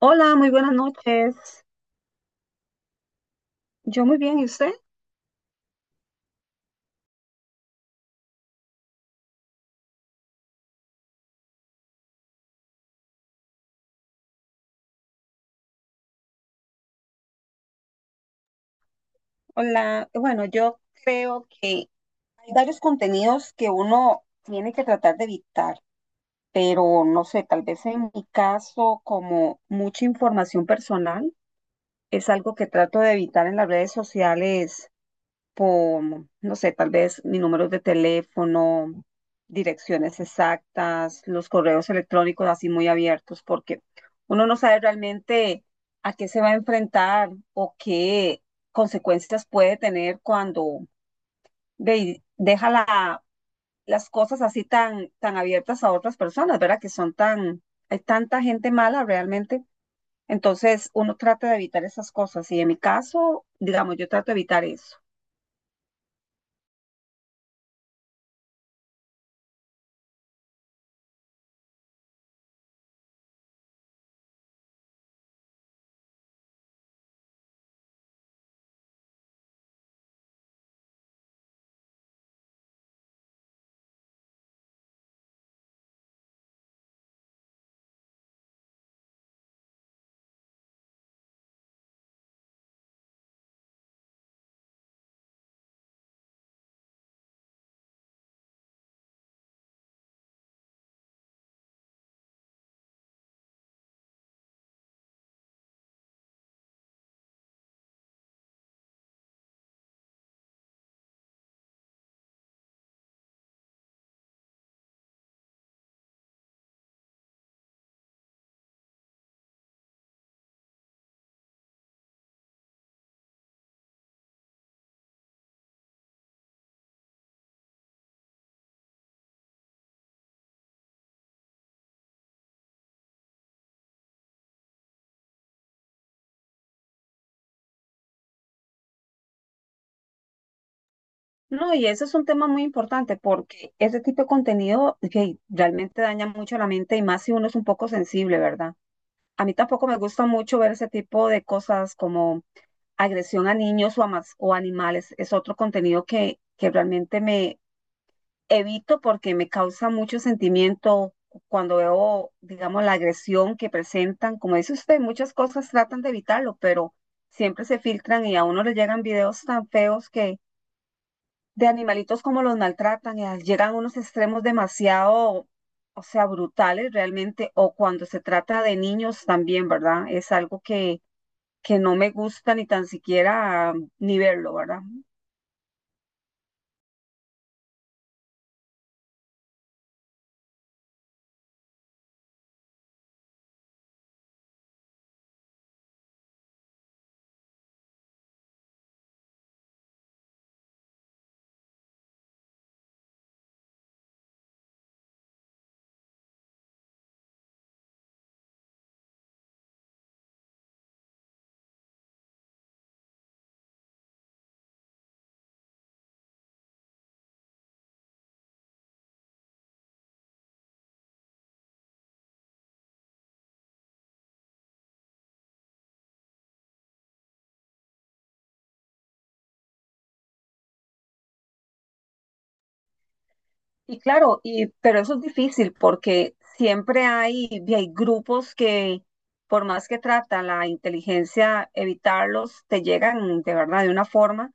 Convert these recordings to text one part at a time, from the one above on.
Hola, muy buenas noches. Yo muy bien, ¿y usted? Hola, bueno, yo creo que hay varios contenidos que uno tiene que tratar de evitar, pero no sé, tal vez en mi caso, como mucha información personal, es algo que trato de evitar en las redes sociales como, no sé, tal vez mi número de teléfono, direcciones exactas, los correos electrónicos así muy abiertos, porque uno no sabe realmente a qué se va a enfrentar o qué consecuencias puede tener cuando ve, las cosas así tan abiertas a otras personas, ¿verdad? Que son tan, hay tanta gente mala realmente. Entonces, uno trata de evitar esas cosas y en mi caso, digamos, yo trato de evitar eso. No, y ese es un tema muy importante porque ese tipo de contenido que realmente daña mucho la mente y más si uno es un poco sensible, ¿verdad? A mí tampoco me gusta mucho ver ese tipo de cosas como agresión a niños o o animales. Es otro contenido que realmente evito porque me causa mucho sentimiento cuando veo, digamos, la agresión que presentan. Como dice usted, muchas cosas tratan de evitarlo, pero siempre se filtran y a uno le llegan videos tan feos que de animalitos como los maltratan, llegan a unos extremos demasiado, o sea, brutales realmente, o cuando se trata de niños también, ¿verdad? Es algo que no me gusta ni tan siquiera ni verlo, ¿verdad? Y claro, y pero eso es difícil porque siempre hay, y hay grupos que, por más que tratan la inteligencia, evitarlos, te llegan de verdad de una forma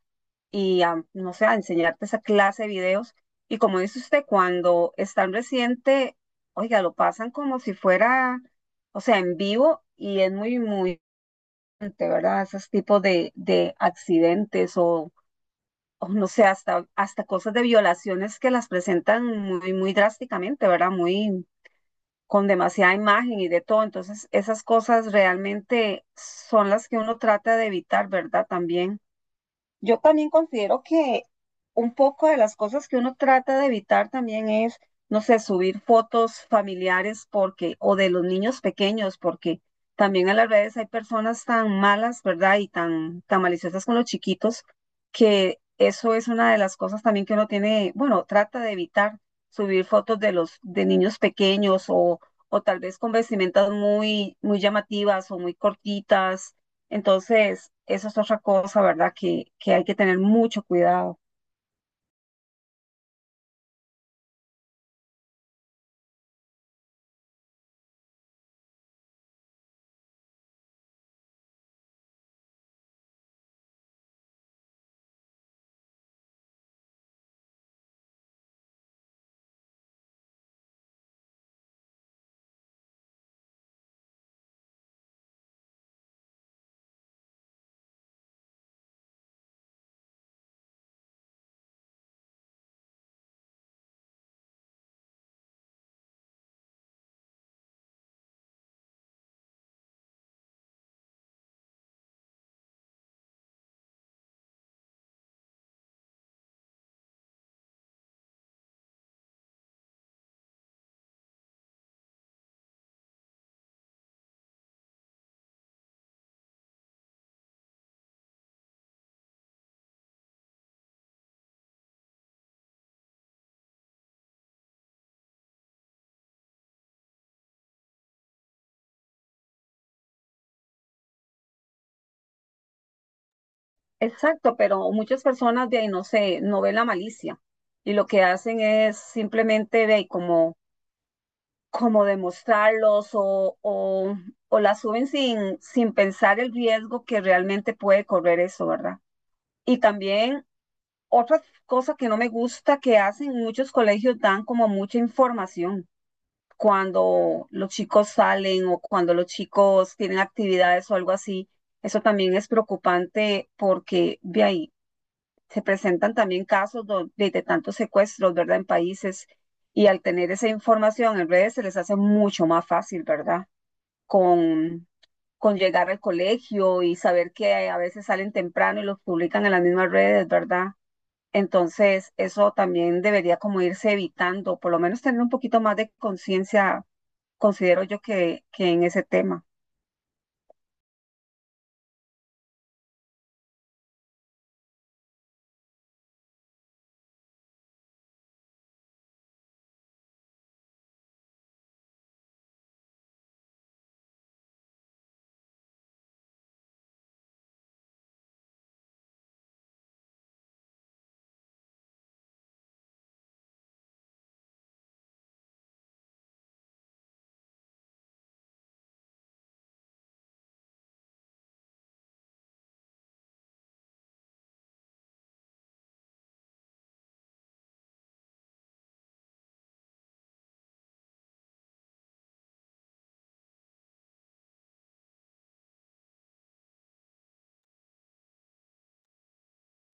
y a, no sé, a enseñarte esa clase de videos. Y como dice usted, cuando es tan reciente, oiga, lo pasan como si fuera, o sea, en vivo y es muy, muy, de ¿verdad? Esos tipos de accidentes o no sé, hasta cosas de violaciones que las presentan muy drásticamente, ¿verdad? Muy con demasiada imagen y de todo. Entonces, esas cosas realmente son las que uno trata de evitar, ¿verdad? También. Yo también considero que un poco de las cosas que uno trata de evitar también es, no sé, subir fotos familiares porque, o de los niños pequeños, porque también en las redes hay personas tan malas, ¿verdad? Y tan, tan maliciosas con los chiquitos, que eso es una de las cosas también que uno tiene, bueno, trata de evitar subir fotos de niños pequeños o tal vez con vestimentas muy llamativas o muy cortitas. Entonces, eso es otra cosa, ¿verdad? Que hay que tener mucho cuidado. Exacto, pero muchas personas de ahí no sé, no ven la malicia y lo que hacen es simplemente ve como, como demostrarlos o la suben sin pensar el riesgo que realmente puede correr eso, ¿verdad? Y también otra cosa que no me gusta que hacen muchos colegios, dan como mucha información cuando los chicos salen o cuando los chicos tienen actividades o algo así, eso también es preocupante porque de ahí se presentan también de tantos secuestros, ¿verdad? En países y al tener esa información en redes se les hace mucho más fácil, ¿verdad? Con, con llegar al colegio y saber que a veces salen temprano y los publican en las mismas redes, ¿verdad? Entonces, eso también debería como irse evitando, por lo menos tener un poquito más de conciencia, considero yo que en ese tema.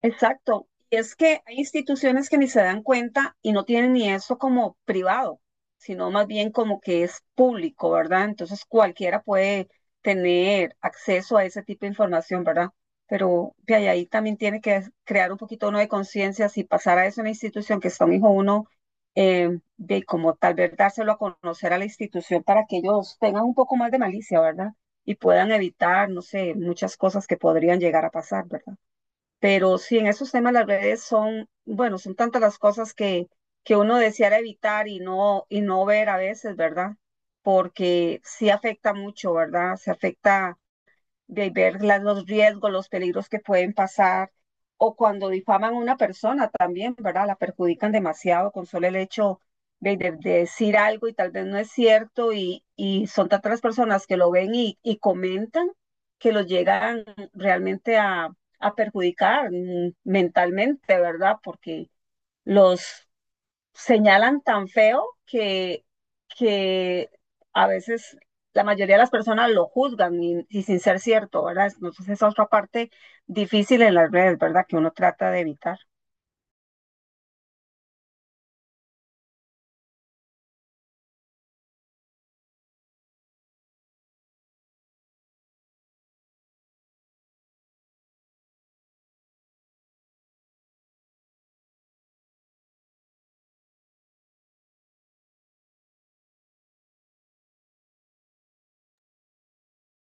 Exacto. Y es que hay instituciones que ni se dan cuenta y no tienen ni eso como privado, sino más bien como que es público, ¿verdad? Entonces cualquiera puede tener acceso a ese tipo de información, ¿verdad? Pero ahí también tiene que crear un poquito uno de conciencia si pasara eso en la institución que está un hijo uno, de como tal vez dárselo a conocer a la institución para que ellos tengan un poco más de malicia, ¿verdad? Y puedan evitar, no sé, muchas cosas que podrían llegar a pasar, ¿verdad? Pero sí, en esos temas las redes son, bueno, son tantas las cosas que uno deseara evitar y y no ver a veces, ¿verdad? Porque sí afecta mucho, ¿verdad? Se afecta de los riesgos, los peligros que pueden pasar, o cuando difaman a una persona también, ¿verdad? La perjudican demasiado con solo el hecho de decir algo y tal vez no es cierto, y son tantas las personas que lo ven y comentan que los llegan realmente a perjudicar mentalmente, ¿verdad? Porque los señalan tan feo que a veces la mayoría de las personas lo juzgan y sin ser cierto, ¿verdad? Entonces esa otra parte difícil en las redes, ¿verdad? Que uno trata de evitar.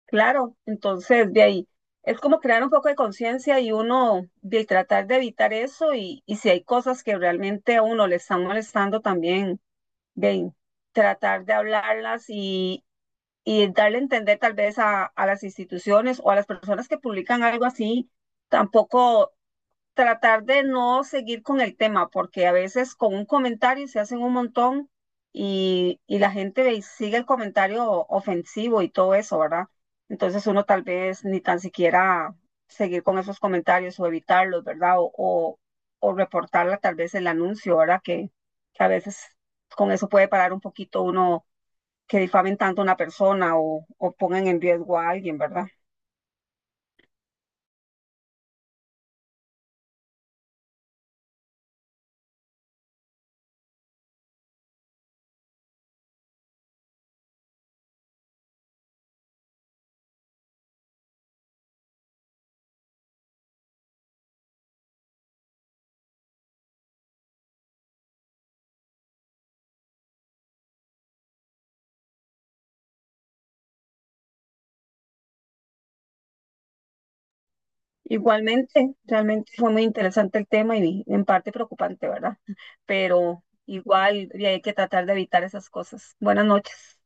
Claro, entonces de ahí es como crear un poco de conciencia y uno de tratar de evitar eso y si hay cosas que realmente a uno le están molestando también, de ahí, tratar de hablarlas y darle a entender tal vez a las instituciones o a las personas que publican algo así, tampoco tratar de no seguir con el tema, porque a veces con un comentario se hacen un montón y la gente y sigue el comentario ofensivo y todo eso, ¿verdad? Entonces uno tal vez ni tan siquiera seguir con esos comentarios o evitarlos, ¿verdad? O reportarla tal vez el anuncio, ¿verdad? Que a veces con eso puede parar un poquito uno que difamen tanto a una persona o pongan en riesgo a alguien, ¿verdad? Igualmente, realmente fue muy interesante el tema y en parte preocupante, ¿verdad? Pero igual y hay que tratar de evitar esas cosas. Buenas noches.